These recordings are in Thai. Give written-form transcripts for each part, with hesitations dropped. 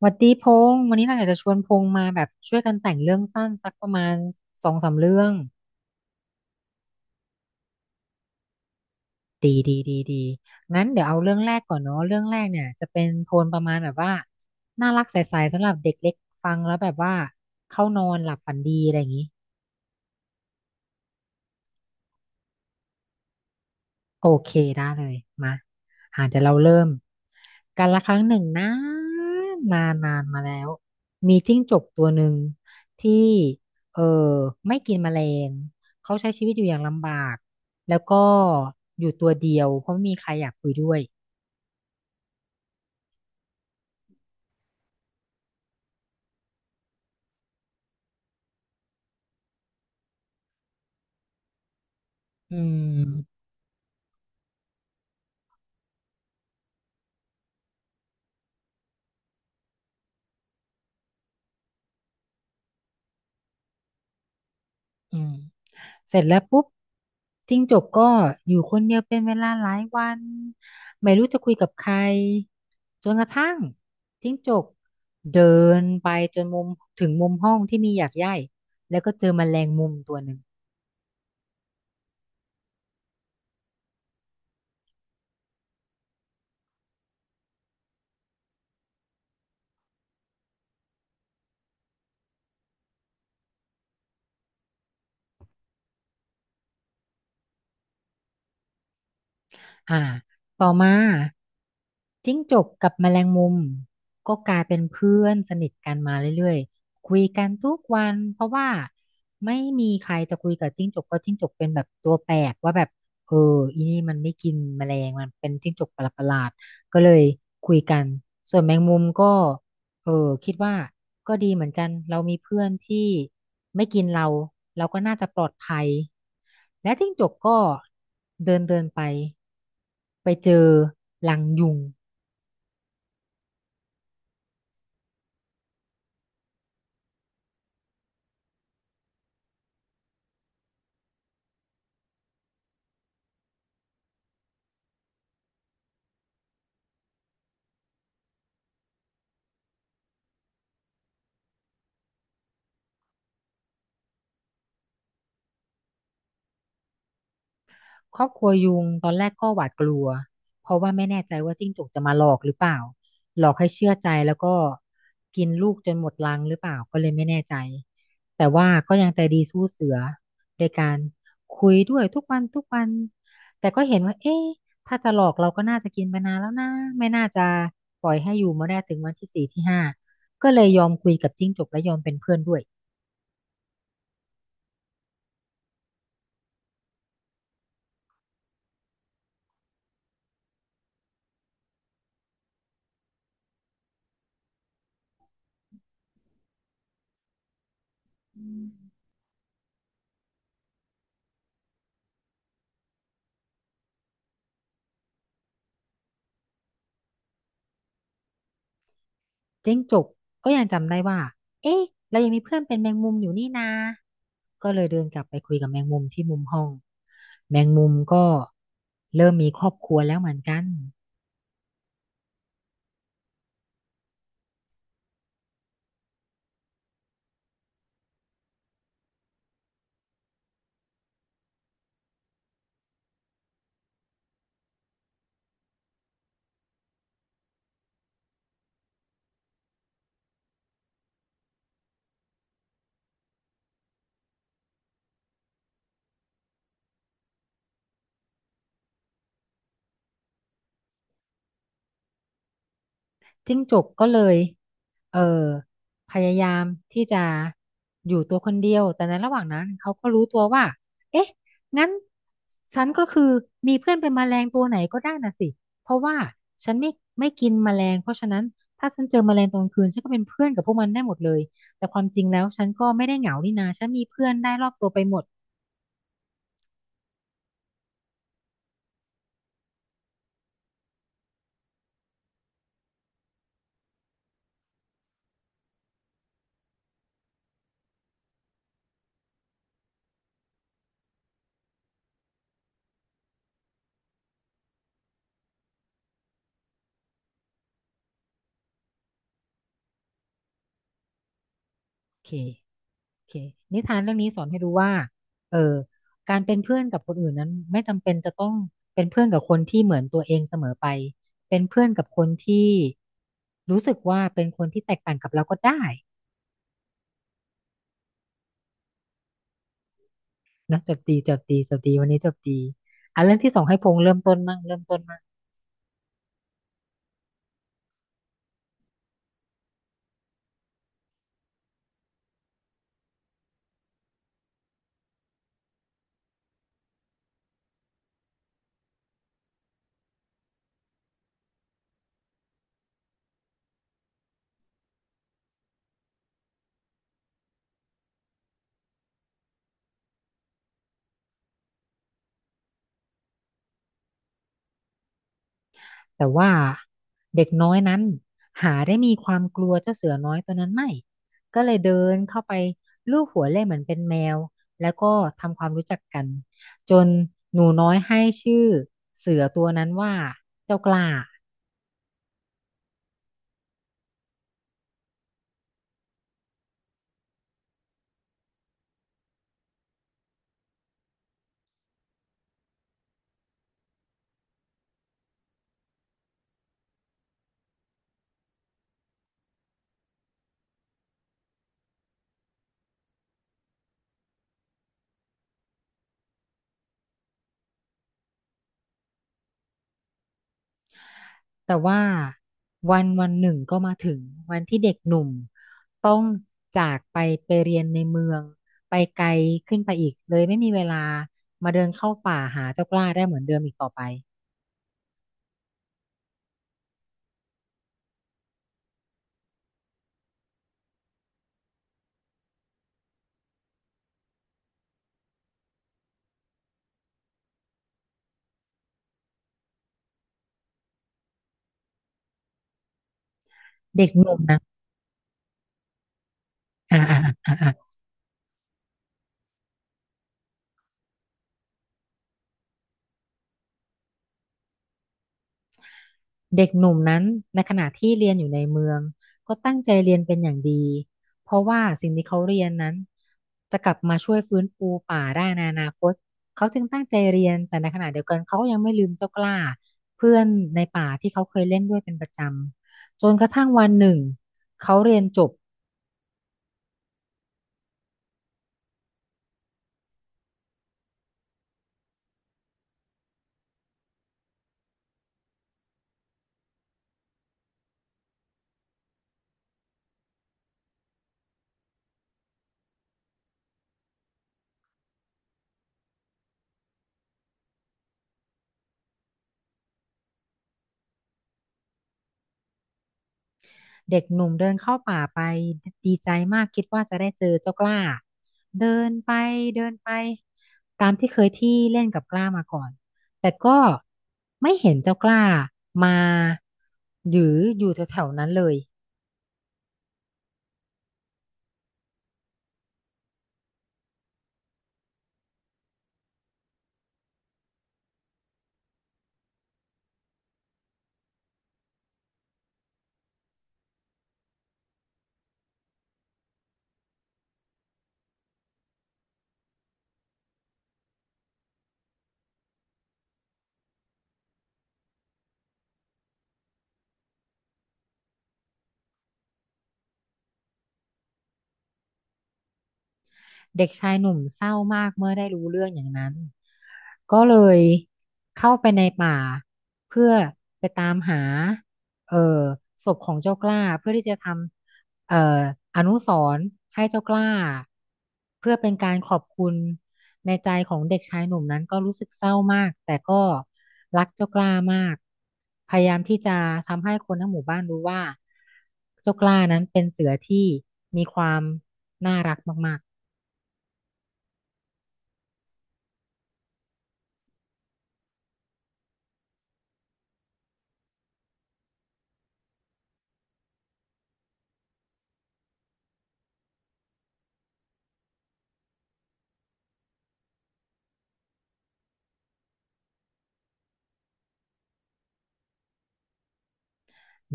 หวัดดีพงษ์วันนี้เราอยากจะชวนพงษ์มาแบบช่วยกันแต่งเรื่องสั้นสักประมาณสองสามเรื่องดีงั้นเดี๋ยวเอาเรื่องแรกก่อนเนาะเรื่องแรกเนี่ยจะเป็นโทนประมาณแบบว่าน่ารักใสๆสำหรับเด็กเล็กฟังแล้วแบบว่าเข้านอนหลับฝันดีอะไรอย่างนี้ โอเคได้เลยมาเดี๋ยวเราเริ่มการละครั้งหนึ่งนะนานนานมาแล้วมีจิ้งจกตัวหนึ่งที่เออไม่กินแมลงเขาใช้ชีวิตอยู่อย่างลำบากแล้วก็อยู่ตัวเดียวเพราะไม่มีใครอยากคุยด้วยอืมอืม เสร็จแล้วปุ๊บจิ้งจกก็อยู่คนเดียวเป็นเวลาหลายวันไม่รู้จะคุยกับใครจนกระทั่งจิ้งจกเดินไปจนมุมถึงมุมห้องที่มีหยากไย่แล้วก็เจอแมลงมุมตัวหนึ่ง อ่าต่อมาจิ้งจกกับแมลงมุมก็กลายเป็นเพื่อนสนิทกันมาเรื่อยๆคุยกันทุกวันเพราะว่าไม่มีใครจะคุยกับจิ้งจกเพราะจิ้งจกเป็นแบบตัวแปลกว่าแบบเอออีนี่มันไม่กินแมลงมันเป็นจิ้งจกประหลาดๆก็เลยคุยกันส่วนแมงมุมก็เออคิดว่าก็ดีเหมือนกันเรามีเพื่อนที่ไม่กินเราเราก็น่าจะปลอดภัยและจิ้งจกก็เดินเดินไป ไปเจอรังยุงครอบครัวยุงตอนแรกก็หวาดกลัวเพราะว่าไม่แน่ใจว่าจิ้งจกจะมาหลอกหรือเปล่าหลอกให้เชื่อใจแล้วก็กินลูกจนหมดรังหรือเปล่าก็เลยไม่แน่ใจแต่ว่าก็ยังใจดีสู้เสือโดยการคุยด้วยทุกวันทุกวันแต่ก็เห็นว่าเอ๊ะถ้าจะหลอกเราก็น่าจะกินไปนานแล้วนะไม่น่าจะปล่อยให้อยู่มาได้ถึงวันที่สี่ที่ห้าก็เลยยอมคุยกับจิ้งจกและยอมเป็นเพื่อนด้วย เจ๊งจกก็ยังจำได้ว่า เอ๊ะ เรายังมีเพื่อนเป็นแมงมุมอยู่นี่นาก็เลยเดินกลับไปคุยกับแมงมุมที่มุมห้อง แมงมุมก็เริ่มมีครอบครัวแล้วเหมือนกัน จิ้งจกก็เลยเออพยายามที่จะอยู่ตัวคนเดียวแต่ในระหว่างนั้นเขาก็รู้ตัวว่าเอ๊ะงั้นฉันก็คือมีเพื่อนเป็นแมลงตัวไหนก็ได้น่ะสิเพราะว่าฉันไม่กินแมลงเพราะฉะนั้นถ้าฉันเจอแมลงตอนกลางคืนฉันก็เป็นเพื่อนกับพวกมันได้หมดเลยแต่ความจริงแล้วฉันก็ไม่ได้เหงานี่นาฉันมีเพื่อนได้รอบตัวไปหมดโอเค โอเคนิทานเรื่องนี้สอนให้รู้ว่าเออการเป็นเพื่อนกับคนอื่นนั้นไม่จำเป็นจะต้องเป็นเพื่อนกับคนที่เหมือนตัวเองเสมอไปเป็นเพื่อนกับคนที่รู้สึกว่าเป็นคนที่แตกต่างกับเราก็ได้นะจบดีวันนี้จบดีอ่ะเรื่องที่สองให้พงษ์เริ่มต้นมั่ง แต่ว่าเด็กน้อยนั้นหาได้มีความกลัวเจ้าเสือน้อยตัวนั้นไม่ก็เลยเดินเข้าไปลูบหัวเล่นเหมือนเป็นแมวแล้วก็ทำความรู้จักกันจนหนูน้อยให้ชื่อเสือตัวนั้นว่าเจ้ากล้าแต่ว่าวันหนึ่งก็มาถึงวันที่เด็กหนุ่มต้องจากไปไปเรียนในเมืองไปไกลขึ้นไปอีกเลยไม่มีเวลามาเดินเข้าป่าหาเจ้ากล้าได้เหมือนเดิมอีกต่อไปเด็กหนุ่มนั้น อ่าอ่าอ่าอ่าเด็กหนุ่มนั้นในขณะที่เรียนอยู่ในเมืองก็ตั้งใจเรียนเป็นอย่างดีเพราะว่าสิ่งที่เขาเรียนนั้นจะกลับมาช่วยฟื้นฟูป่าได้ในอนาคตเขาจึงตั้งใจเรียนแต่ในขณะเดียวกันเขาก็ยังไม่ลืมเจ้ากล้าเพื่อนในป่าที่เขาเคยเล่นด้วยเป็นประจำจนกระทั่งวันหนึ่งเขาเรียนจบ เด็กหนุ่มเดินเข้าป่าไปดีใจมากคิดว่าจะได้เจอเจ้ากล้าเดินไปเดินไปตามที่เคยที่เล่นกับกล้ามาก่อนแต่ก็ไม่เห็นเจ้ากล้ามาหรืออยู่แถวๆนั้นเลยเด็กชายหนุ่มเศร้ามากเมื่อได้รู้เรื่องอย่างนั้น ก็เลยเข้าไปในป่าเพื่อไปตามหาเอ่อศพของเจ้ากล้าเพื่อที่จะทำอนุสรณ์ให้เจ้ากล้าเพื่อเป็นการขอบคุณในใจของเด็กชายหนุ่มนั้นก็รู้สึกเศร้ามากแต่ก็รักเจ้ากล้ามากพยายามที่จะทำให้คนทั้งหมู่บ้านรู้ว่าเจ้ากล้านั้นเป็นเสือที่มีความน่ารักมากๆ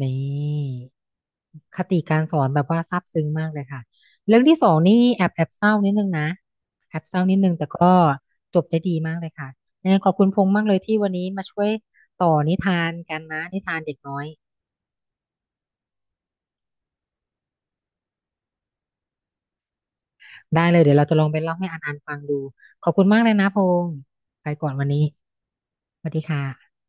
นี่คติการสอนแบบว่าซาบซึ้งมากเลยค่ะเรื่องที่สองนี่แอบเศร้านิดนึงนะแอบเศร้านิดนึงแต่ก็จบได้ดีมากเลยค่ะยังไงขอบคุณพงษ์มากเลยที่วันนี้มาช่วยต่อนิทานกันนะนิทานเด็กน้อยได้เลยเดี๋ยวเราจะลองไปเล่าให้อันอันฟังดูขอบคุณมากเลยนะพงษ์ไปก่อนวันนี้สวัสดีค่ะ